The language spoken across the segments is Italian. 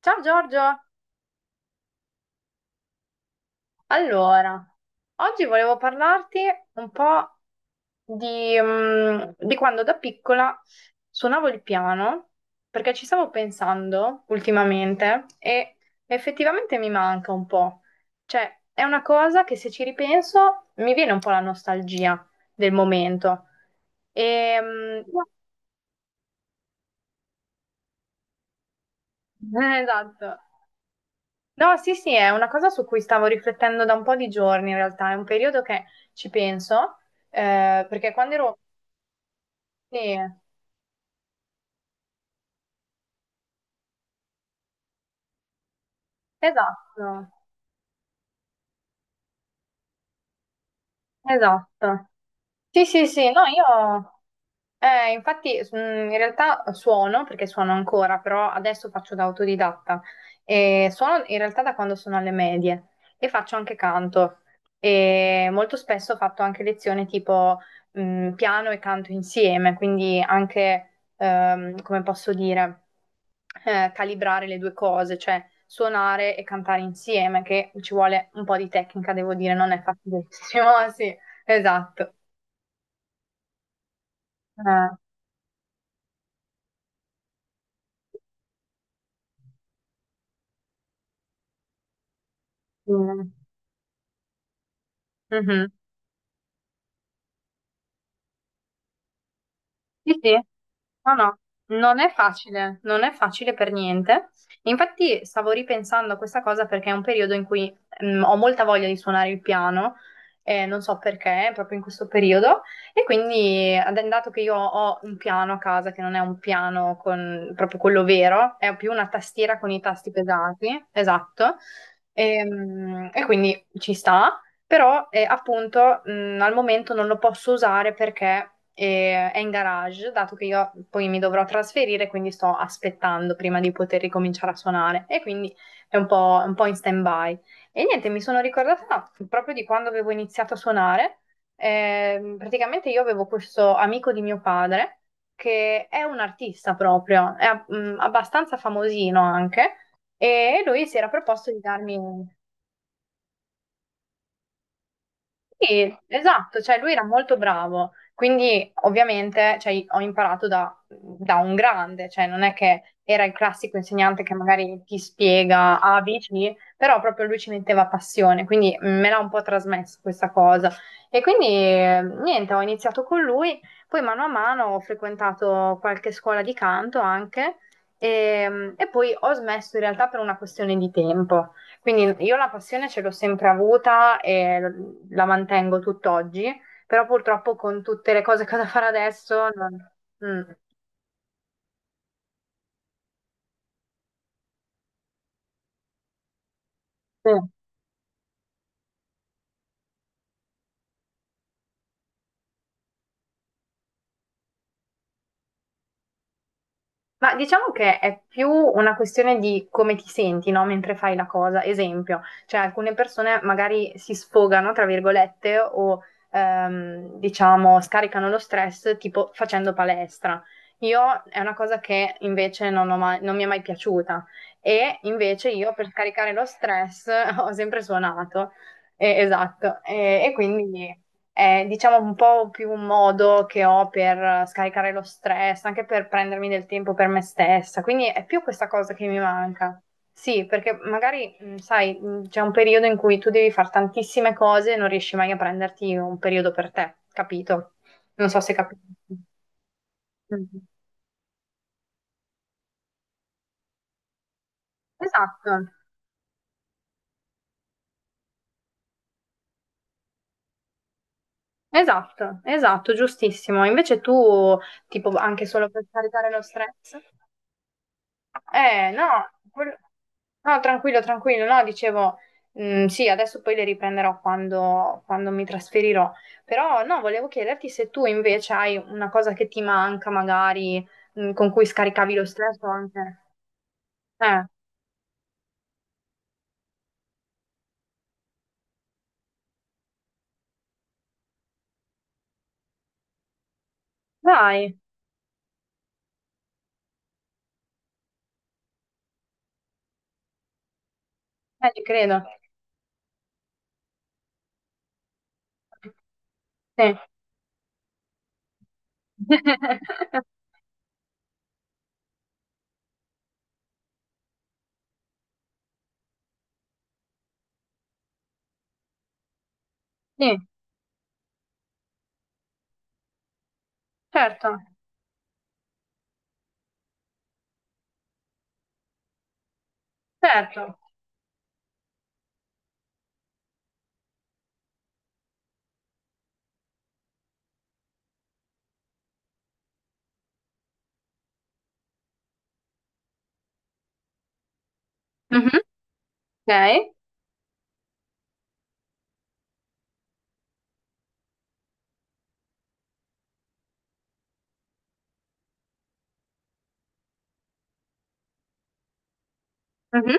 Ciao Giorgio, allora, oggi volevo parlarti un po' di, di quando da piccola suonavo il piano, perché ci stavo pensando ultimamente e effettivamente mi manca un po'. Cioè, è una cosa che se ci ripenso mi viene un po' la nostalgia del momento. E, mm, esatto. No, sì, sì, è una cosa su cui stavo riflettendo da un po' di giorni in realtà, è un periodo che ci penso, perché quando ero... Sì, esatto, esatto. Sì, sì, sì, no, io infatti, in realtà suono, perché suono ancora, però adesso faccio da autodidatta. E suono in realtà da quando sono alle medie e faccio anche canto. E molto spesso ho fatto anche lezioni tipo piano e canto insieme, quindi anche, come posso dire, calibrare le due cose, cioè suonare e cantare insieme, che ci vuole un po' di tecnica, devo dire, non è facilissimo, sì, esatto. Eh, mm. Mhm. Sì, sì. No, no, non è facile, non è facile per niente. Infatti stavo ripensando a questa cosa perché è un periodo in cui ho molta voglia di suonare il piano, non so perché, proprio in questo periodo, e quindi, dato che io ho un piano a casa, che non è un piano con proprio quello vero, è più una tastiera con i tasti pesati, esatto. E quindi ci sta. Però appunto, al momento non lo posso usare perché è in garage, dato che io poi mi dovrò trasferire, quindi sto aspettando prima di poter ricominciare a suonare e quindi è un po' in stand-by. E niente, mi sono ricordata proprio di quando avevo iniziato a suonare. Praticamente io avevo questo amico di mio padre che è un artista proprio, è abbastanza famosino anche, e lui si era proposto di darmi. Sì, esatto, cioè lui era molto bravo, quindi ovviamente cioè, ho imparato da un grande, cioè non è che era il classico insegnante che magari ti spiega A, B, C, però proprio lui ci metteva passione, quindi me l'ha un po' trasmesso questa cosa. E quindi niente, ho iniziato con lui, poi mano a mano ho frequentato qualche scuola di canto anche e poi ho smesso in realtà per una questione di tempo. Quindi io la passione ce l'ho sempre avuta e la mantengo tutt'oggi, però purtroppo con tutte le cose che ho da fare adesso non... Mm. Sì. Ma diciamo che è più una questione di come ti senti, no? Mentre fai la cosa. Esempio, cioè alcune persone magari si sfogano, tra virgolette, o diciamo scaricano lo stress tipo facendo palestra. Io è una cosa che invece non mi è mai piaciuta e invece io per scaricare lo stress ho sempre suonato. Esatto. E quindi è, diciamo, un po' più un modo che ho per scaricare lo stress, anche per prendermi del tempo per me stessa. Quindi è più questa cosa che mi manca. Sì, perché magari, sai, c'è un periodo in cui tu devi fare tantissime cose e non riesci mai a prenderti un periodo per te, capito? Non so se capisci. Mm. Esatto, esatto, esatto, giustissimo. Invece tu, tipo, anche solo per caricare lo stress. Eh, no, quel- no, tranquillo, tranquillo, no, dicevo, sì, adesso poi le riprenderò quando, quando mi trasferirò, però no, volevo chiederti se tu invece hai una cosa che ti manca magari, con cui scaricavi lo stress o anche... Eh, Dai, ci credo. Sì. Sì, certo, certo. Mhm. Ok. Mhm.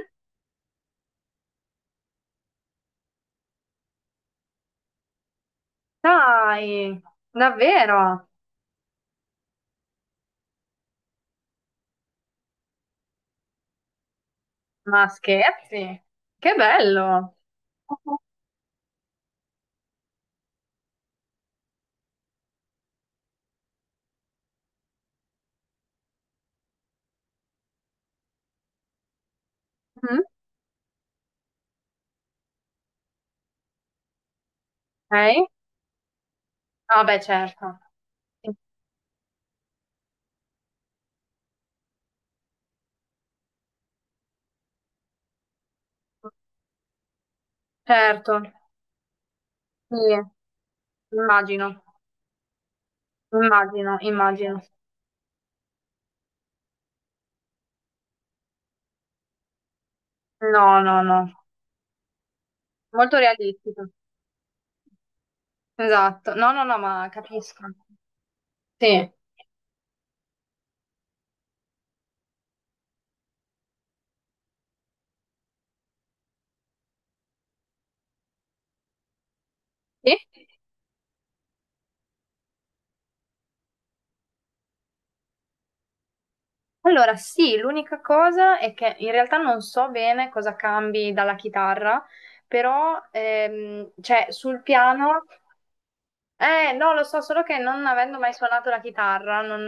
Dai, davvero? Ma scherzi? Che bello! Mhm. Ok? Ah, beh, certo. Sì. Certo, sì, immagino, immagino, immagino. No, no, no. Molto realistico. Esatto. No, no, no, ma capisco. Sì. Sì? Allora, sì, l'unica cosa è che in realtà non so bene cosa cambi dalla chitarra, però cioè, sul piano. No, lo so, solo che non avendo mai suonato la chitarra, non,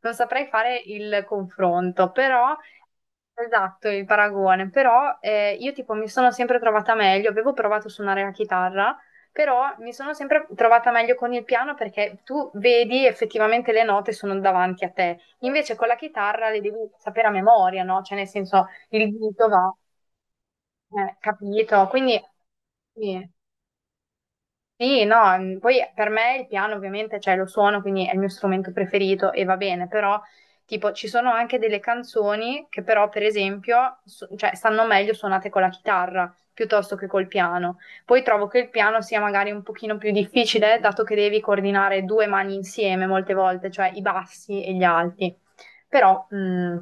non saprei fare il confronto, però, esatto, il paragone, però io tipo mi sono sempre trovata meglio, avevo provato a suonare la chitarra, però mi sono sempre trovata meglio con il piano perché tu vedi effettivamente le note sono davanti a te, invece con la chitarra le devi sapere a memoria, no? Cioè nel senso il dito va, capito? Quindi... sì. Sì, no, poi per me il piano ovviamente, cioè lo suono, quindi è il mio strumento preferito e va bene, però tipo ci sono anche delle canzoni che però per esempio cioè, stanno meglio suonate con la chitarra piuttosto che col piano. Poi trovo che il piano sia magari un pochino più difficile dato che devi coordinare due mani insieme molte volte, cioè i bassi e gli alti. Però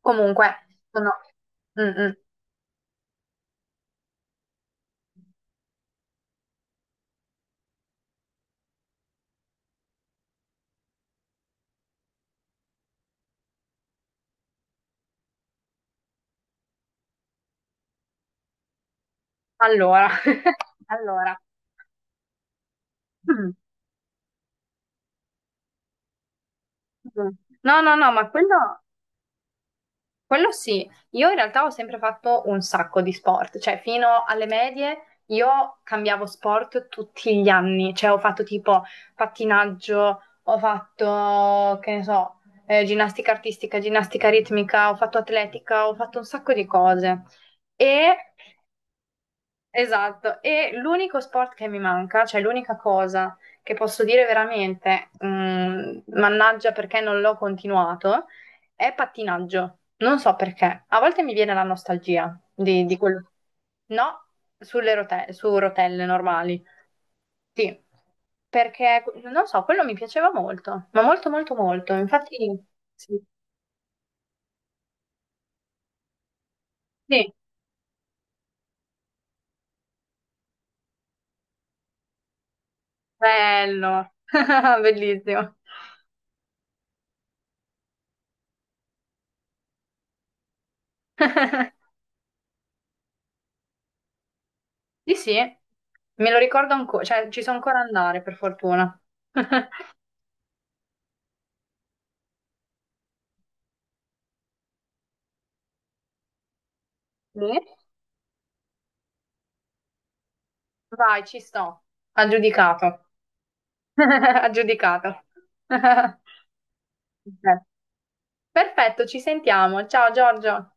comunque sono... Mm, mm. Allora, allora. Mm. No, no, no, ma quello... Quello sì, io in realtà ho sempre fatto un sacco di sport, cioè fino alle medie io cambiavo sport tutti gli anni, cioè ho fatto tipo pattinaggio, ho fatto, che ne so, ginnastica artistica, ginnastica ritmica, ho fatto atletica, ho fatto un sacco di cose. E esatto, e l'unico sport che mi manca, cioè l'unica cosa che posso dire veramente, mannaggia perché non l'ho continuato, è pattinaggio. Non so perché. A volte mi viene la nostalgia di quello. No, su rotelle normali. Sì, perché non so, quello mi piaceva molto, ma molto, molto, molto. Infatti, sì, sì, bello, bellissimo. Sì, sì, me lo ricordo ancora, cioè ci so ancora andare per fortuna. Sì? Vai, ci sto. Aggiudicato. Aggiudicato. Ok. Perfetto, ci sentiamo. Ciao Giorgio.